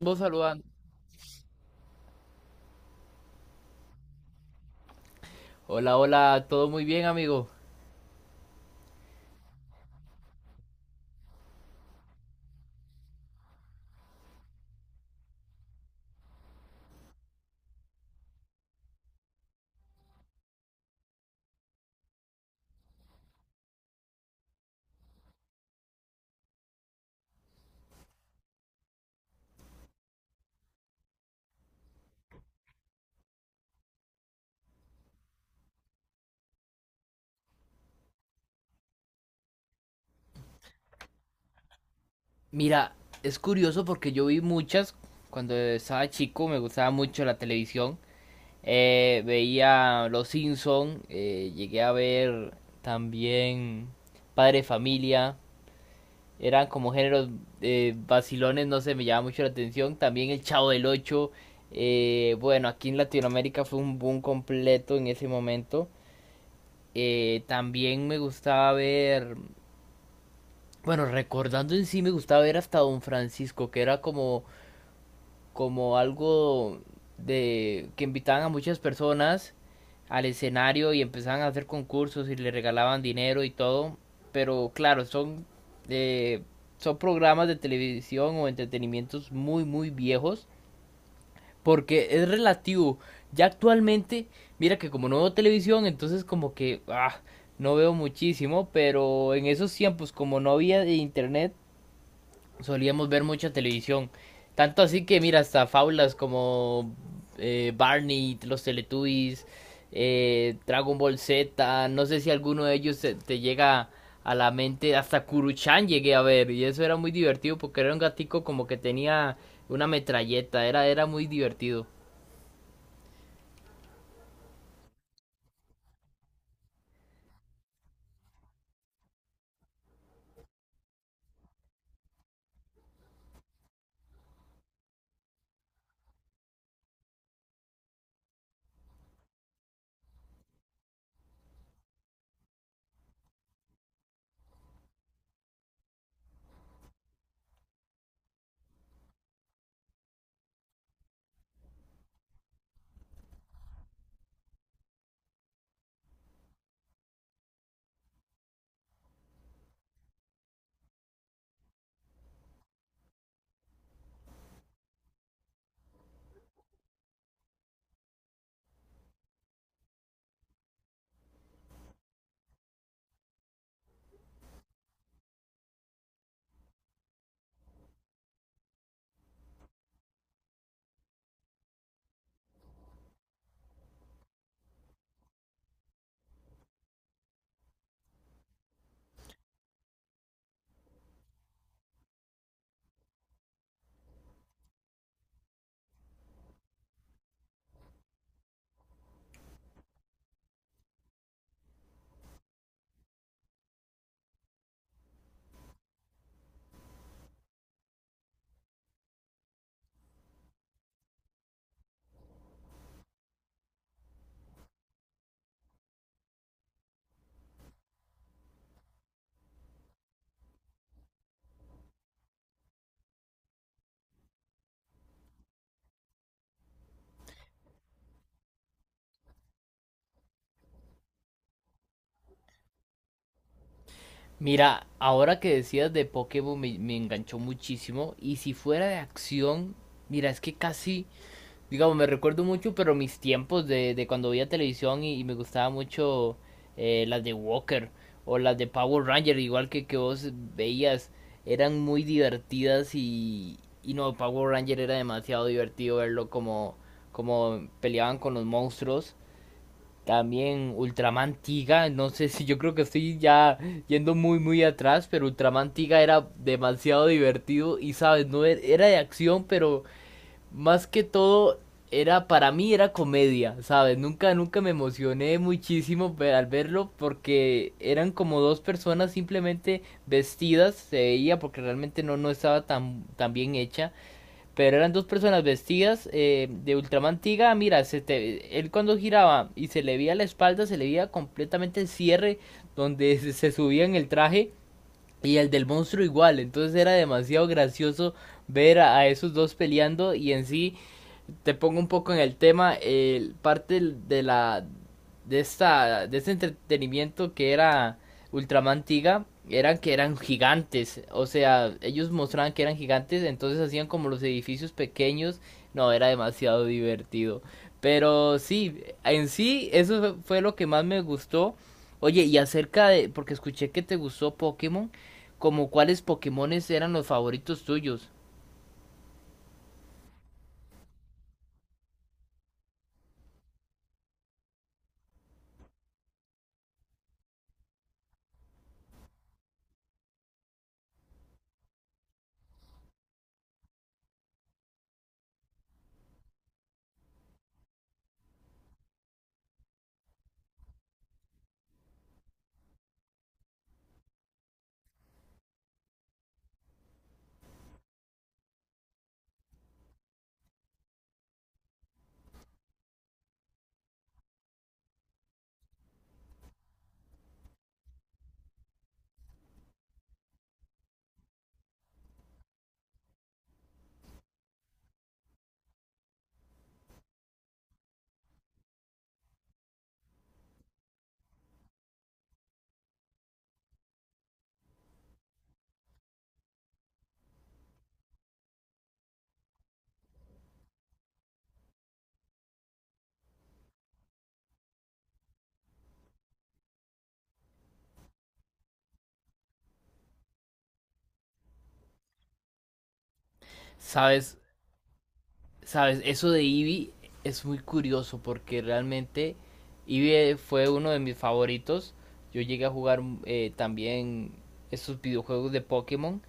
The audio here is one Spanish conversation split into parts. Vos saludando. Hola, hola, todo muy bien, amigo. Mira, es curioso porque yo vi muchas cuando estaba chico, me gustaba mucho la televisión. Veía Los Simpson, llegué a ver también Padre Familia. Eran como géneros vacilones, no sé, me llamaba mucho la atención. También El Chavo del Ocho. Bueno, aquí en Latinoamérica fue un boom completo en ese momento. También me gustaba ver bueno, recordando en sí me gustaba ver hasta Don Francisco, que era como, como algo de que invitaban a muchas personas al escenario y empezaban a hacer concursos y le regalaban dinero y todo. Pero claro, son, eh, son programas de televisión o entretenimientos muy, muy viejos. Porque es relativo. Ya actualmente, mira que como no veo televisión, entonces como que no veo muchísimo. Pero en esos tiempos, como no había de internet, solíamos ver mucha televisión. Tanto así que, mira, hasta fábulas como Barney, los Teletubbies, Dragon Ball Z, no sé si alguno de ellos te, te llega a la mente, hasta Kuruchan llegué a ver, y eso era muy divertido porque era un gatico como que tenía una metralleta, era, era muy divertido. Mira, ahora que decías de Pokémon me, me enganchó muchísimo, y si fuera de acción, mira, es que casi digamos, me recuerdo mucho, pero mis tiempos de cuando veía televisión y me gustaba mucho las de Walker o las de Power Ranger, igual que vos veías, eran muy divertidas y no, Power Ranger era demasiado divertido verlo como, como peleaban con los monstruos. También Ultraman Tiga, no sé si yo creo que estoy ya yendo muy atrás, pero Ultraman Tiga era demasiado divertido y sabes, no era de acción, pero más que todo era para mí era comedia, ¿sabes? Nunca me emocioné muchísimo al verlo porque eran como dos personas simplemente vestidas, se veía porque realmente no estaba tan bien hecha, pero eran dos personas vestidas de ultramantiga, mira, él cuando giraba y se le veía la espalda, se le veía completamente el cierre donde se subía en el traje y el del monstruo igual, entonces era demasiado gracioso ver a esos dos peleando y en sí te pongo un poco en el tema, parte de la de esta de este entretenimiento que era Ultraman Tiga eran que eran gigantes, o sea, ellos mostraban que eran gigantes, entonces hacían como los edificios pequeños, no, era demasiado divertido. Pero sí, en sí eso fue lo que más me gustó. Oye, y acerca de porque escuché que te gustó Pokémon, como cuáles Pokémones eran los favoritos tuyos. ¿Sabes? Sabes, eso de Eevee es muy curioso porque realmente Eevee fue uno de mis favoritos. Yo llegué a jugar también esos videojuegos de Pokémon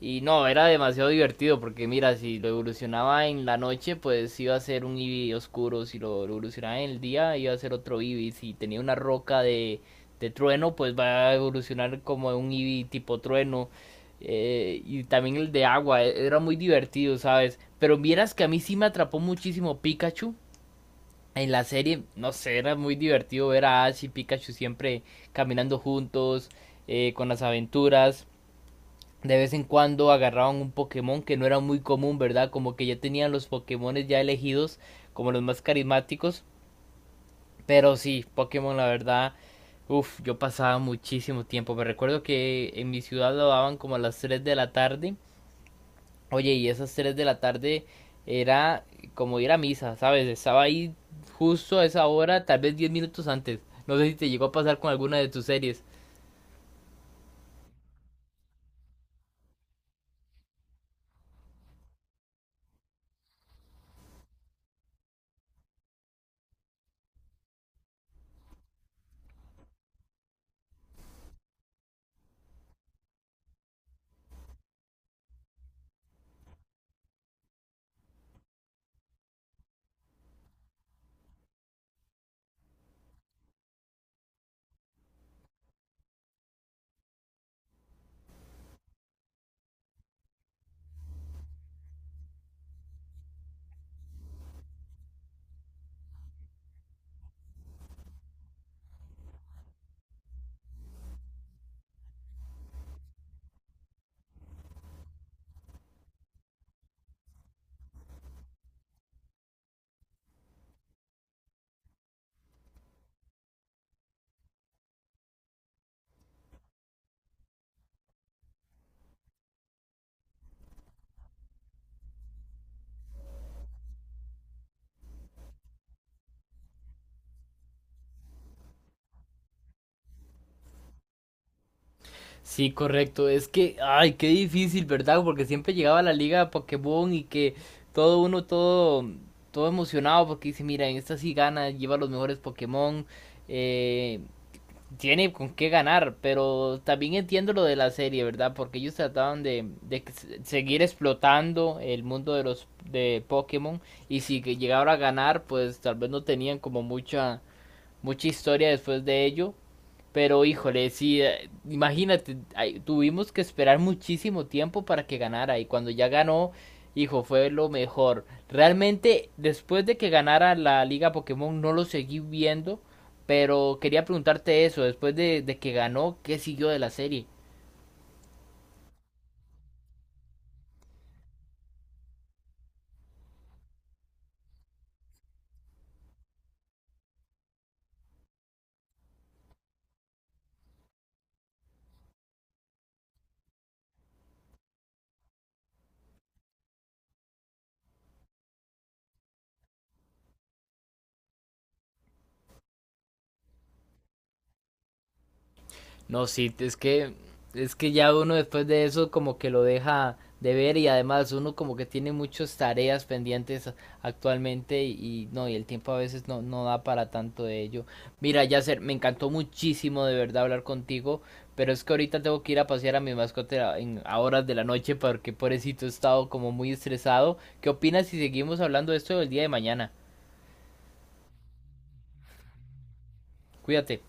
y no, era demasiado divertido porque mira, si lo evolucionaba en la noche, pues iba a ser un Eevee oscuro, si lo evolucionaba en el día, iba a ser otro Eevee, si tenía una roca de trueno, pues va a evolucionar como un Eevee tipo trueno. Y también el de agua, era muy divertido, ¿sabes? Pero vieras que a mí sí me atrapó muchísimo Pikachu. En la serie, no sé, era muy divertido ver a Ash y Pikachu siempre caminando juntos, con las aventuras de vez en cuando agarraban un Pokémon que no era muy común, ¿verdad? Como que ya tenían los Pokémones ya elegidos como los más carismáticos. Pero sí, Pokémon la verdad, uff, yo pasaba muchísimo tiempo. Me recuerdo que en mi ciudad lo daban como a las 3 de la tarde. Oye, y esas 3 de la tarde era como ir a misa, ¿sabes? Estaba ahí justo a esa hora, tal vez 10 minutos antes. No sé si te llegó a pasar con alguna de tus series. Sí, correcto. Es que, ay, qué difícil, ¿verdad? Porque siempre llegaba la liga de Pokémon y que todo uno, todo, todo emocionado porque dice, mira, en esta sí gana, lleva los mejores Pokémon, eh, tiene con qué ganar, pero también entiendo lo de la serie, ¿verdad? Porque ellos trataban de que seguir explotando el mundo de los de Pokémon y si que llegara a ganar, pues tal vez no tenían como mucha, mucha historia después de ello, pero híjole, sí, imagínate, ay, tuvimos que esperar muchísimo tiempo para que ganara y cuando ya ganó, hijo, fue lo mejor. Realmente, después de que ganara la Liga Pokémon, no lo seguí viendo, pero quería preguntarte eso, después de que ganó, ¿qué siguió de la serie? No, sí, es que ya uno después de eso como que lo deja de ver y además uno como que tiene muchas tareas pendientes actualmente y no, y el tiempo a veces no, no da para tanto de ello. Mira, Yasser, me encantó muchísimo de verdad hablar contigo, pero es que ahorita tengo que ir a pasear a mi mascota a horas de la noche porque pobrecito he estado como muy estresado. ¿Qué opinas si seguimos hablando de esto el día de mañana? Cuídate.